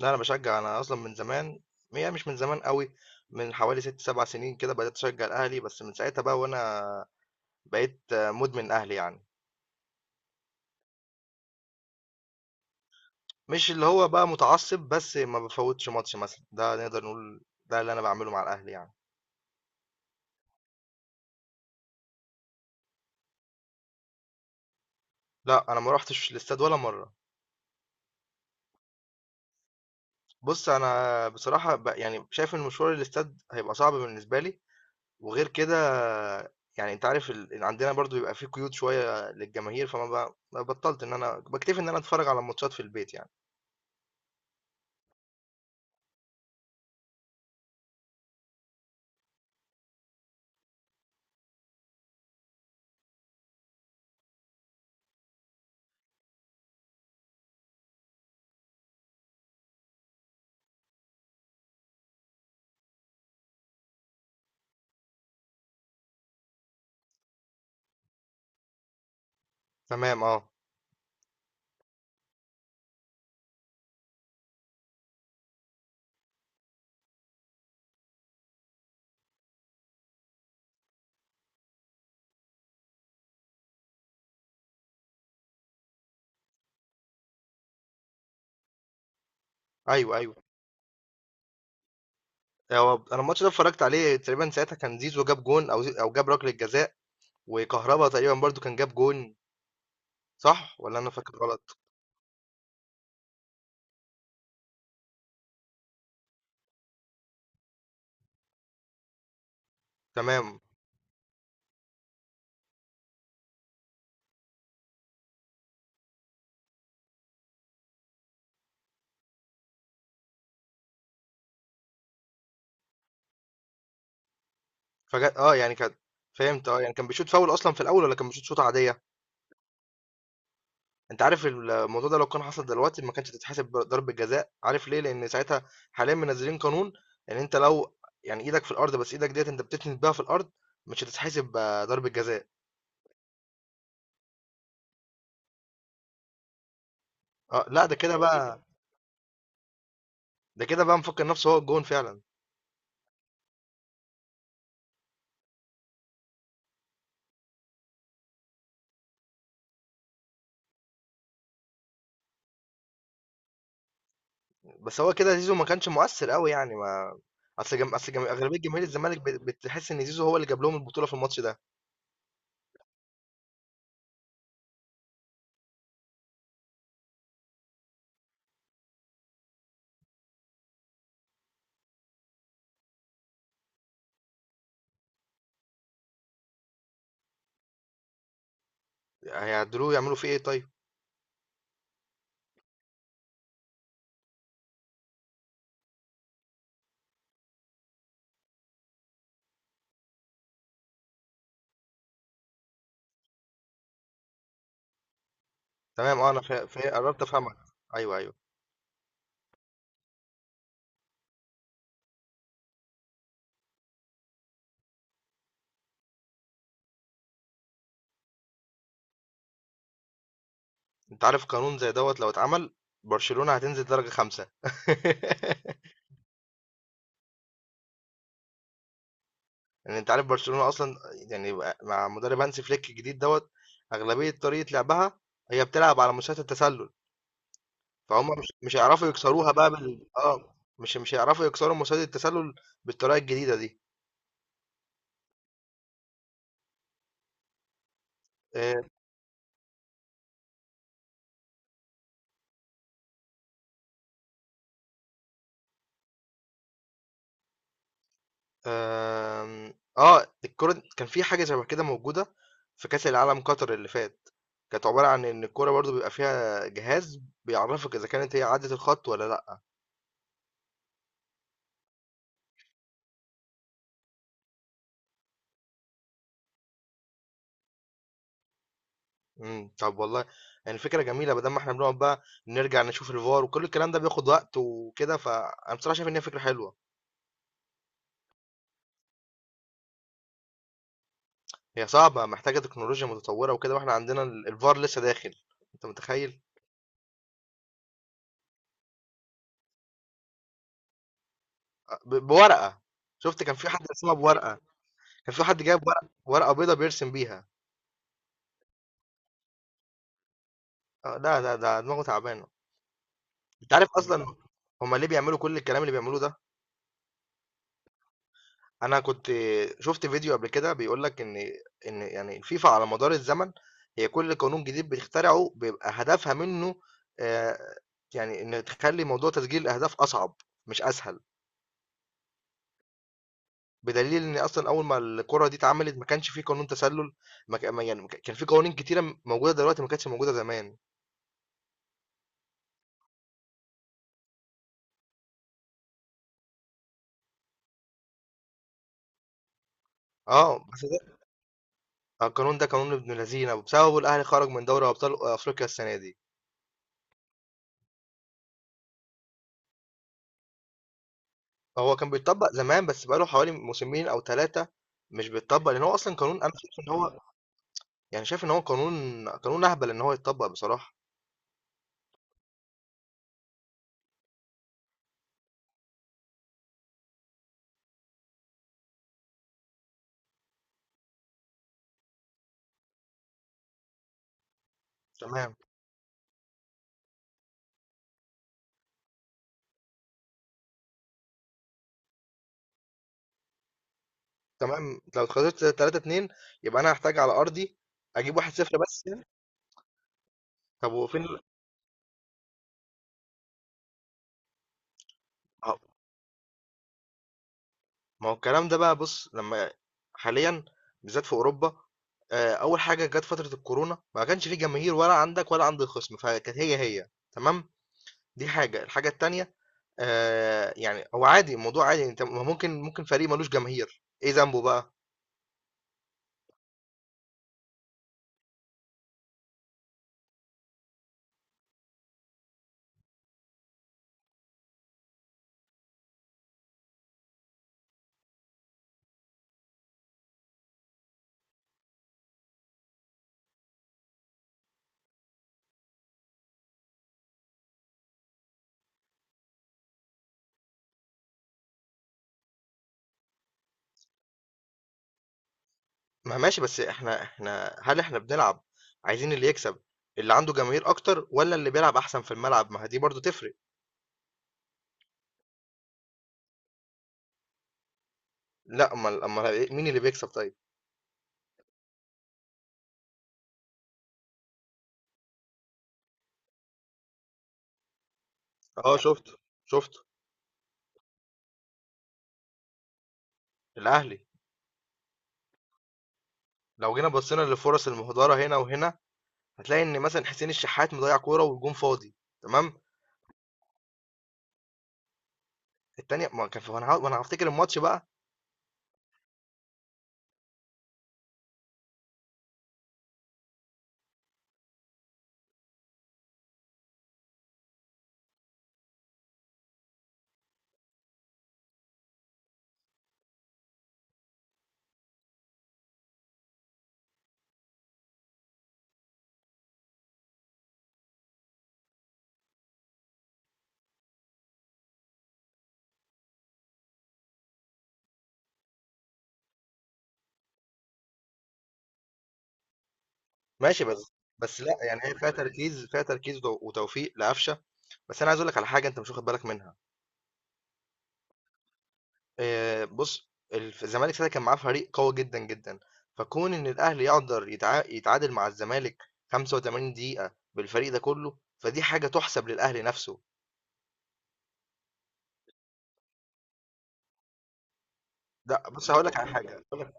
لا، انا بشجع. انا اصلا من زمان، يعني مش من زمان قوي. من حوالي 6 7 سنين كده بدأت اشجع الاهلي، بس من ساعتها بقى وانا بقيت مدمن اهلي يعني. مش اللي هو بقى متعصب، بس ما بفوتش ماتش مثلا، ده نقدر نقول ده اللي انا بعمله مع الاهلي يعني. لا، انا ما روحتش الاستاد ولا مرة. بص، انا بصراحة بقى يعني شايف ان مشوار الاستاد هيبقى صعب بالنسبة لي، وغير كده يعني انت عارف عندنا برضو بيبقى فيه قيود شوية للجماهير، فما بقى بطلت ان انا بكتفي ان انا اتفرج على الماتشات في البيت يعني. تمام، اه. ايوه، ايوه. هو انا الماتش ده اتفرجت عليه تقريبا، ساعتها كان زيزو جاب جون او او جاب ركله جزاء، وكهربا تقريبا برضو كان جاب جون، صح ولا انا فاكر غلط؟ تمام، فجأة اه يعني كان، فهمت اه يعني كان بيشوط فاول اصلا في الاول، ولا كان بيشوط شوطه عاديه؟ انت عارف الموضوع ده لو كان حصل دلوقتي ما كانتش تتحسب ضربه جزاء. عارف ليه؟ لان ساعتها حاليا منزلين قانون، ان انت لو يعني ايدك في الارض، بس ايدك ديت انت بتتنس بيها في الارض، مش هتتحسب ضربه جزاء. اه، لا، ده كده بقى، ده كده بقى مفكر نفسه هو الجون فعلا. بس هو كده زيزو ما كانش مؤثر قوي، يعني ما اغلبيه جماهير الزمالك بتحس ان زيزو هو اللي جاب لهم البطوله في الماتش ده. هيعدلوه يعملوا فيه ايه طيب؟ تمام، اه. انا قربت افهمك. ايوه، ايوه. انت عارف قانون زي دوت لو اتعمل، برشلونه هتنزل درجه خمسه. يعني انت عارف برشلونه اصلا، يعني مع مدرب هانسي فليك الجديد دوت، اغلبيه طريقه لعبها هي بتلعب على مستوى التسلل، فهم مش هيعرفوا يكسروها بقى بال اه مش هيعرفوا يكسروا مستوى التسلل بالطريقه الجديده دي. آه، آمم، آه، الكورة كان في حاجة شبه كده موجودة في كأس العالم قطر اللي فات، كانت عبارة عن إن الكورة برضه بيبقى فيها جهاز بيعرفك إذا كانت هي عدت الخط والّا لأ. طب والله يعني فكرة جميلة، بدل ما إحنا بنقعد بقى نرجع نشوف الVAR وكل الكلام ده بياخد وقت وكده، فأنا بصراحة شايف إن هي فكرة حلوة. هي صعبة، محتاجة تكنولوجيا متطورة وكده، وإحنا عندنا الVAR لسه داخل، أنت متخيل؟ أ ب بورقة، شُفت كان في حد رسمها بورقة، كان في حد جايب ورقة بيضا بيرسم بيها. آه، ده دماغه تعبانه. انت عارف بالظبط اصلا، هما ليه بيعملوا كل الكلام اللي بيعملوه ده؟ انا كنت شفت فيديو قبل كده بيقول لك ان يعني الفيفا على مدار الزمن، هي كل قانون جديد بتخترعه بيبقى هدفها منه آه، يعني ان تخلي موضوع تسجيل الاهداف اصعب، مش اسهل. بدليل ان اصلا اول ما الكره دي اتعملت ما كانش في قانون تسلل، ما كان ما- يعني ما كان في قوانين كتيره موجوده دلوقتي ما كانتش موجوده زمان. اه بس ده، القانون ده قانون ابن لذينه وبسببه الاهلي خرج من دوري ابطال افريقيا السنه دي. هو كان بيتطبّق زمان، بس بقى له حوالي موسمين أو 3 مش بيتطبّق، لإن هو أصلًا قانون. أنا شايف إن هو، يعني شايف إن هو قانون أهبل إن هو يتطبّق بصراحة. تمام، تمام، لو اتخاذلت 3-2 يبقى أنا هاحتاج على أرضي أجيب 1-0 بس يعني؟ طب وفين ال، أهو ما هو الكلام ده بقى. بُص، لمّا حاليًا بالذات في أوروبا، أول حاجة جات فترة الكورونا ما كانش في جماهير، ولا عندك ولا عند الخصم، فكانت هي تمام؟ دي حاجة. الحاجة التانية، يعني هو عادي، الموضوع عادي، أنت ما ممكن، ممكن فريق مالوش جماهير، إيه ذنبه بقى؟ ما ماشي، بس إحنا إحنا هل إحنا بنلعب، عايزين اللي يكسب اللي عنده جماهير أكتر والّا اللي بيلعب أحسن في الملعب؟ ما هي دي برضه تفرق. لأ، أمّال، أمّال إيه مين اللي بيكسب طيب؟ آه، شُفته، شُفته. الأهلي، لو جينا بصينا للفرص المهدرة هنا وهنا، هتلاقي إن مثلًا حسين الشحات مضيّع كورة والجون فاضي. تمام. التانية ما كان وأنا هافتكر الماتش بقى. ماشي بس، بس لأ، يعني هي فيها تركيز، فيها تركيز وتوفيق لقفشة، بس أنا عايز أقول لك على حاجة أنت مش واخد بالك منها، بُص الزمالك ساعتها كان معاه فريق قوي جدًا، جدًا، فكون إن الأهلي يقدر يتعادل مع الزمالك 85 دقيقة بالفريق ده كله، فدي حاجة تُحسب للأهلي نَفْسه. لأ بُص، هاقول لك على حاجة. هاقول لك،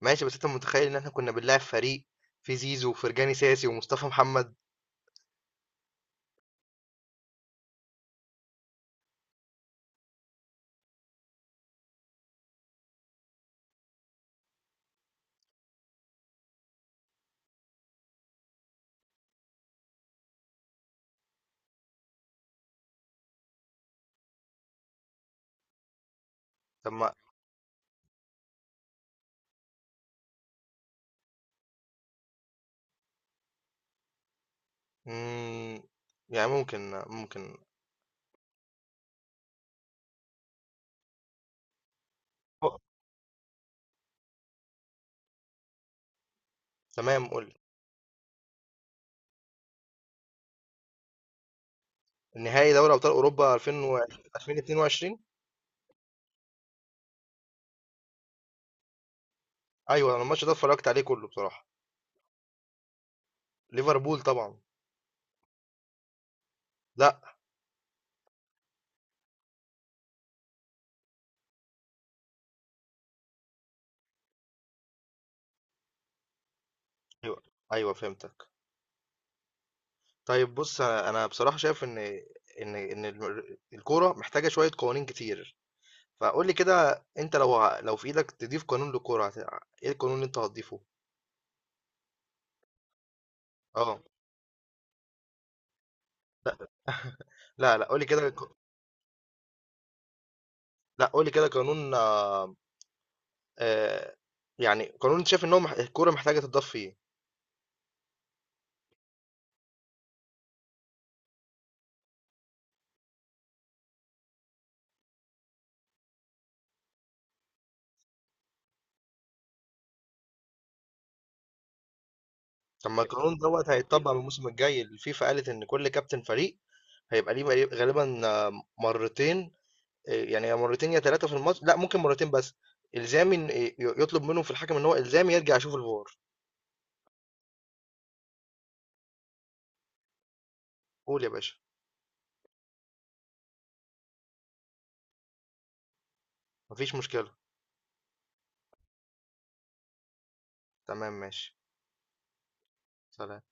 ماشي، بس أنت متخيّل إن إحنا كنا بنلاعب فريق فيه زيزو وفرجاني ساسي ومصطفى محمد؟ طَب ما، إمم، يعني ممكن، ممكن. أه، تمام قُل. نهائي دوري ابطال اوروبا 2020، 2022. ايوه، انا الماتش ده اتفرجت عليه كله بصراحه. ليفربول طبعا. لا. ايوه، ايوه، فهمتك. طيب بص، أنا بصراحه شايف ان ان الكوره محتاجه شويه قوانين كتير، فقول لي كده انت لو لو في ايدك تضيف قانون للكوره ايه القانون اللي انت هتضيفه؟ اه لا، لا، قول لي كده لا قول لي كده قانون آه... يعني قانون انت شايف ان هو الكوره محتاجه تضاف فيه. طب ما القانون دوت هيتطبق من الموسم الجاي، الفيفا قالت ان كل كابتن فريق هيبقى ليه بقى غالبًا مرّتين، يعني يا مرّتين يا 3 في الماتش، لأ ممكن مرّتين بس، إلزامي إن يطلب منهم في الحكم إن هو إلزامي يرجع يشوف الVAR. قُل يا باشا. ما فيش مشكلة. تمام، ماشي. سلام.